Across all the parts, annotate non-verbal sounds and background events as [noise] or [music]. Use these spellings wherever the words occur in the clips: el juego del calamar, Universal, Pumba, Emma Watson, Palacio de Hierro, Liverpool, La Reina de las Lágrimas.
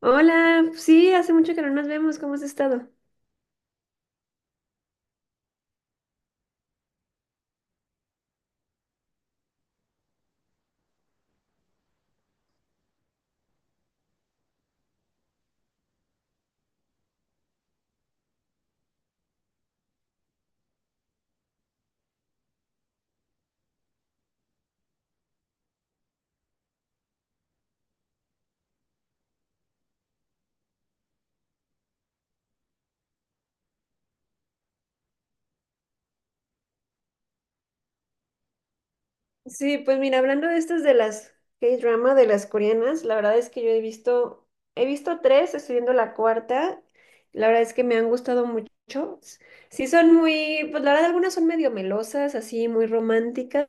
Hola, sí, hace mucho que no nos vemos, ¿cómo has estado? Sí, pues mira, hablando de estas de las K-drama, de las coreanas, la verdad es que yo he visto tres, estoy viendo la cuarta, la verdad es que me han gustado mucho. Sí son muy, pues la verdad algunas son medio melosas, así muy románticas,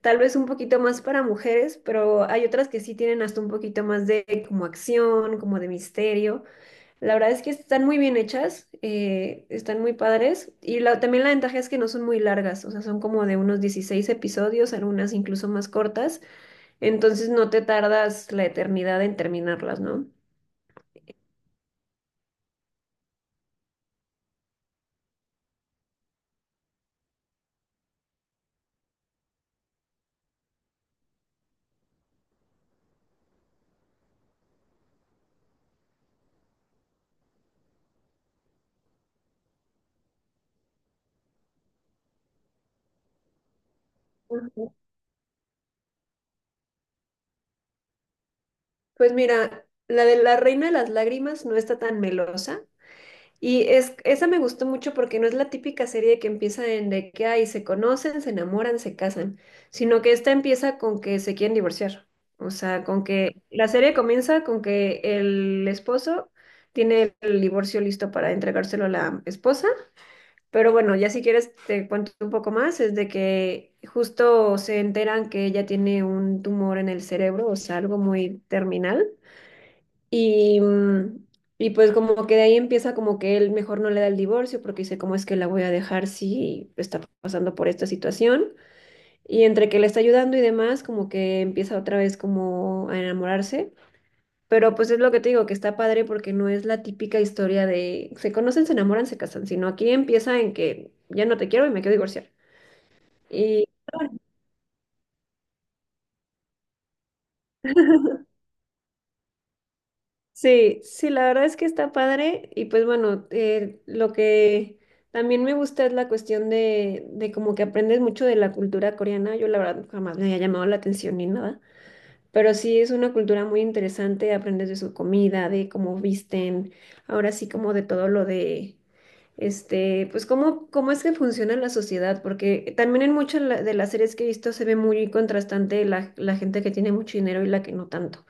tal vez un poquito más para mujeres, pero hay otras que sí tienen hasta un poquito más de como acción, como de misterio. La verdad es que están muy bien hechas, están muy padres y también la ventaja es que no son muy largas, o sea, son como de unos 16 episodios, algunas incluso más cortas, entonces no te tardas la eternidad en terminarlas, ¿no? Ujú. Pues mira, la de La Reina de las Lágrimas no está tan melosa. Esa me gustó mucho porque no es la típica serie que empieza en de que ahí se conocen, se enamoran, se casan, sino que esta empieza con que se quieren divorciar. O sea, con que la serie comienza con que el esposo tiene el divorcio listo para entregárselo a la esposa, pero bueno, ya si quieres te cuento un poco más, es de que justo se enteran que ella tiene un tumor en el cerebro, o sea, algo muy terminal. Y, mm, y pues como que de ahí empieza como que él mejor no le da el divorcio porque dice, ¿cómo es que la voy a dejar si está pasando por esta situación? Y entre que le está ayudando y demás, como que empieza otra vez como a enamorarse. Pero pues es lo que te digo, que está padre porque no es la típica historia de se conocen, se enamoran, se casan, sino aquí empieza en que ya no te quiero y me quiero divorciar. Sí, sí, la verdad es que está padre y pues bueno, lo que también me gusta es la cuestión de como que aprendes mucho de la cultura coreana. Yo la verdad jamás me había llamado la atención ni nada, pero sí es una cultura muy interesante, aprendes de su comida, de cómo visten, ahora sí como de todo lo de, este, pues cómo es que funciona la sociedad, porque también en muchas de las series que he visto se ve muy contrastante la gente que tiene mucho dinero y la que no tanto.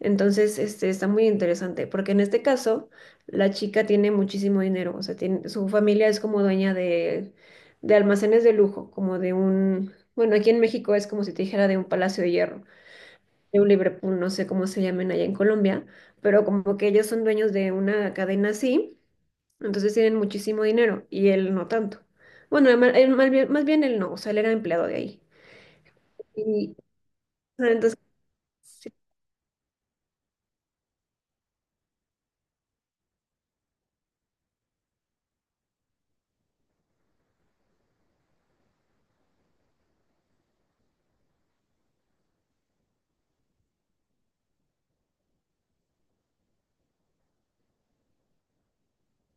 Entonces, este, está muy interesante, porque en este caso, la chica tiene muchísimo dinero, o sea, tiene, su familia es como dueña de almacenes de lujo, como de un, bueno, aquí en México es como si te dijera de un Palacio de Hierro, de un Liverpool, no sé cómo se llamen allá en Colombia, pero como que ellos son dueños de una cadena así, entonces tienen muchísimo dinero y él no tanto. Bueno, él más bien él no, o sea, él era empleado de ahí. Y, o sea, entonces, sí,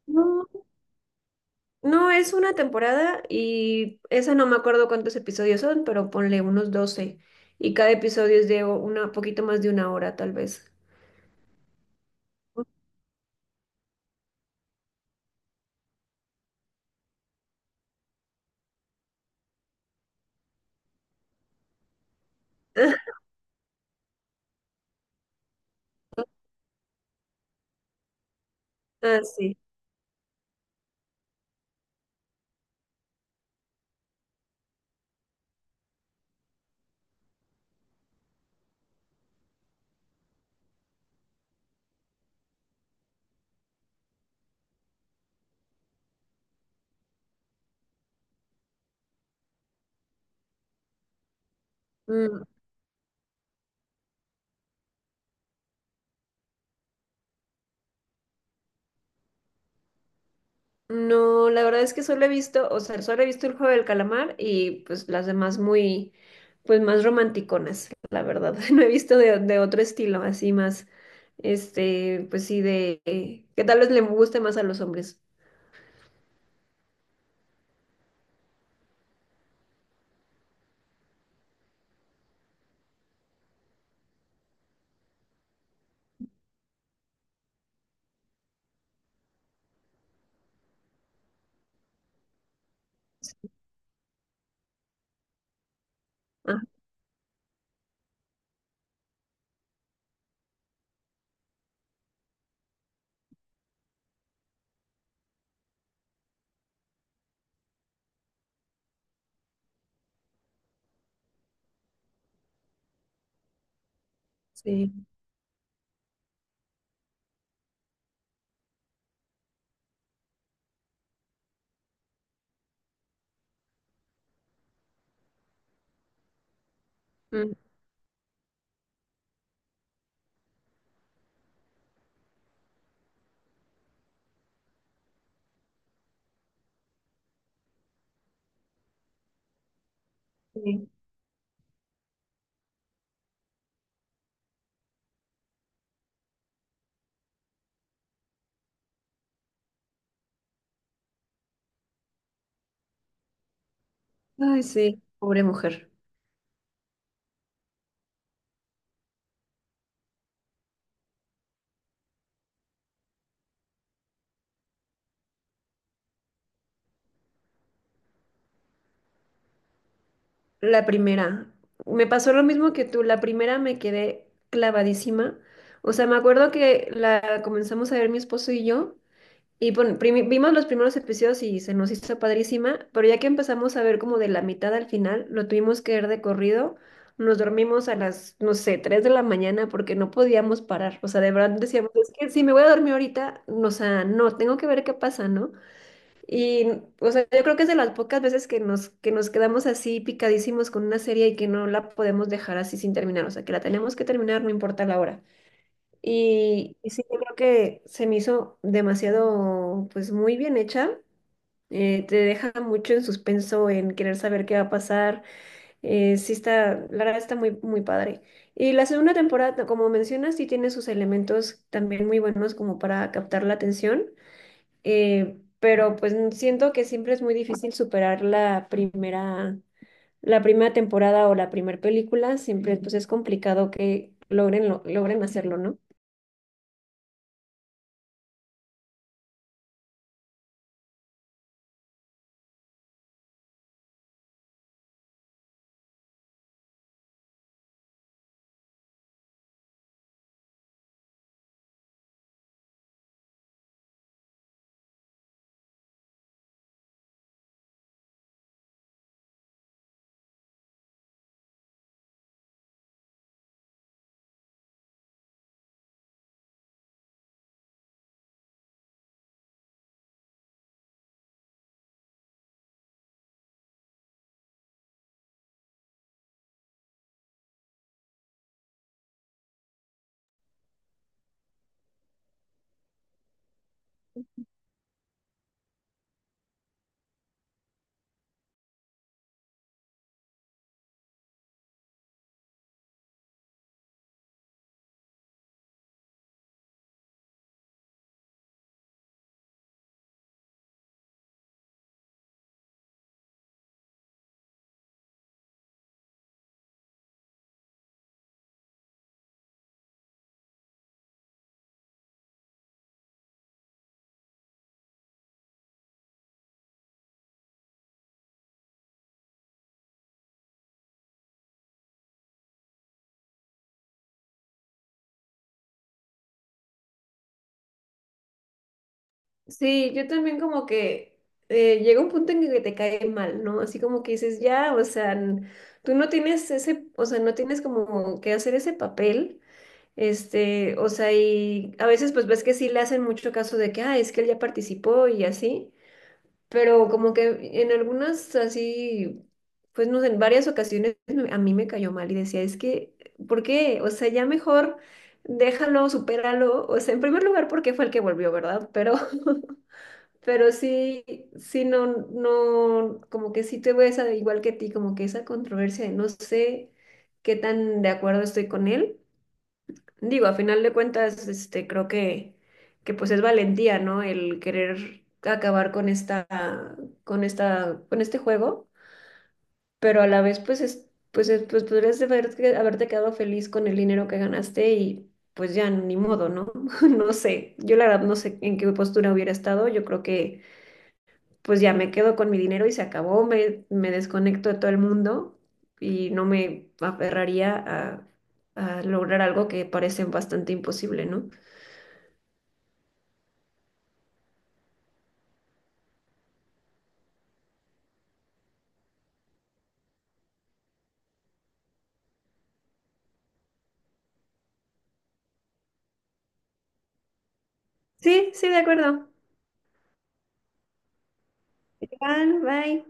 no, no, es una temporada y esa no me acuerdo cuántos episodios son, pero ponle unos 12. Y cada episodio es de una poquito más de una hora, tal vez. [laughs] Ah, sí. Mm. No, la verdad es que solo he visto, o sea, solo he visto el juego del calamar y pues las demás muy, pues más romanticonas, la verdad. [laughs] No he visto de otro estilo, así más, este, pues sí, de, que tal vez le guste más a los hombres. Ah, sí. Mm, sí. Ay, sí, pobre mujer. La primera. Me pasó lo mismo que tú. La primera me quedé clavadísima. O sea, me acuerdo que la comenzamos a ver mi esposo y yo. Y bueno, vimos los primeros episodios y se nos hizo padrísima. Pero ya que empezamos a ver como de la mitad al final, lo tuvimos que ver de corrido. Nos dormimos a las, no sé, 3 de la mañana porque no podíamos parar. O sea, de verdad decíamos, es que si me voy a dormir ahorita, no, o sea, no, tengo que ver qué pasa, ¿no? Y, o sea, yo creo que es de las pocas veces que nos quedamos así picadísimos con una serie y que no la podemos dejar así sin terminar, o sea, que la tenemos que terminar, no importa la hora. Y sí, yo creo que se me hizo demasiado, pues muy bien hecha. Te deja mucho en suspenso, en querer saber qué va a pasar. Sí está, la verdad está muy, muy padre. Y la segunda temporada, como mencionas, sí tiene sus elementos también muy buenos como para captar la atención, pero pues siento que siempre es muy difícil superar la primera temporada o la primera película, siempre pues es complicado que logren, logren hacerlo, ¿no? Sí, yo también como que llega un punto en que te cae mal, ¿no? Así como que dices, ya, o sea, tú no tienes ese, o sea, no tienes como que hacer ese papel, este, o sea, y a veces pues ves que sí le hacen mucho caso de que, ah, es que él ya participó y así, pero como que en algunas así, pues no sé, en varias ocasiones a mí me cayó mal y decía, es que, ¿por qué? O sea, ya mejor déjalo, supéralo. O sea, en primer lugar, porque fue el que volvió, ¿verdad? Pero, [laughs] pero sí, sí, no, no, como que sí te ves igual que ti, como que esa controversia de no sé qué tan de acuerdo estoy con él. Digo, a final de cuentas, este, creo que, pues es valentía, ¿no? El querer acabar con este juego, pero a la vez, pues podrías haberte quedado feliz con el dinero que ganaste y pues ya ni modo, ¿no? [laughs] No sé. Yo la verdad no sé en qué postura hubiera estado. Yo creo que pues ya me quedo con mi dinero y se acabó, me desconecto de todo el mundo y no me aferraría a lograr algo que parece bastante imposible, ¿no? Sí, sí, de acuerdo. Igual, bye.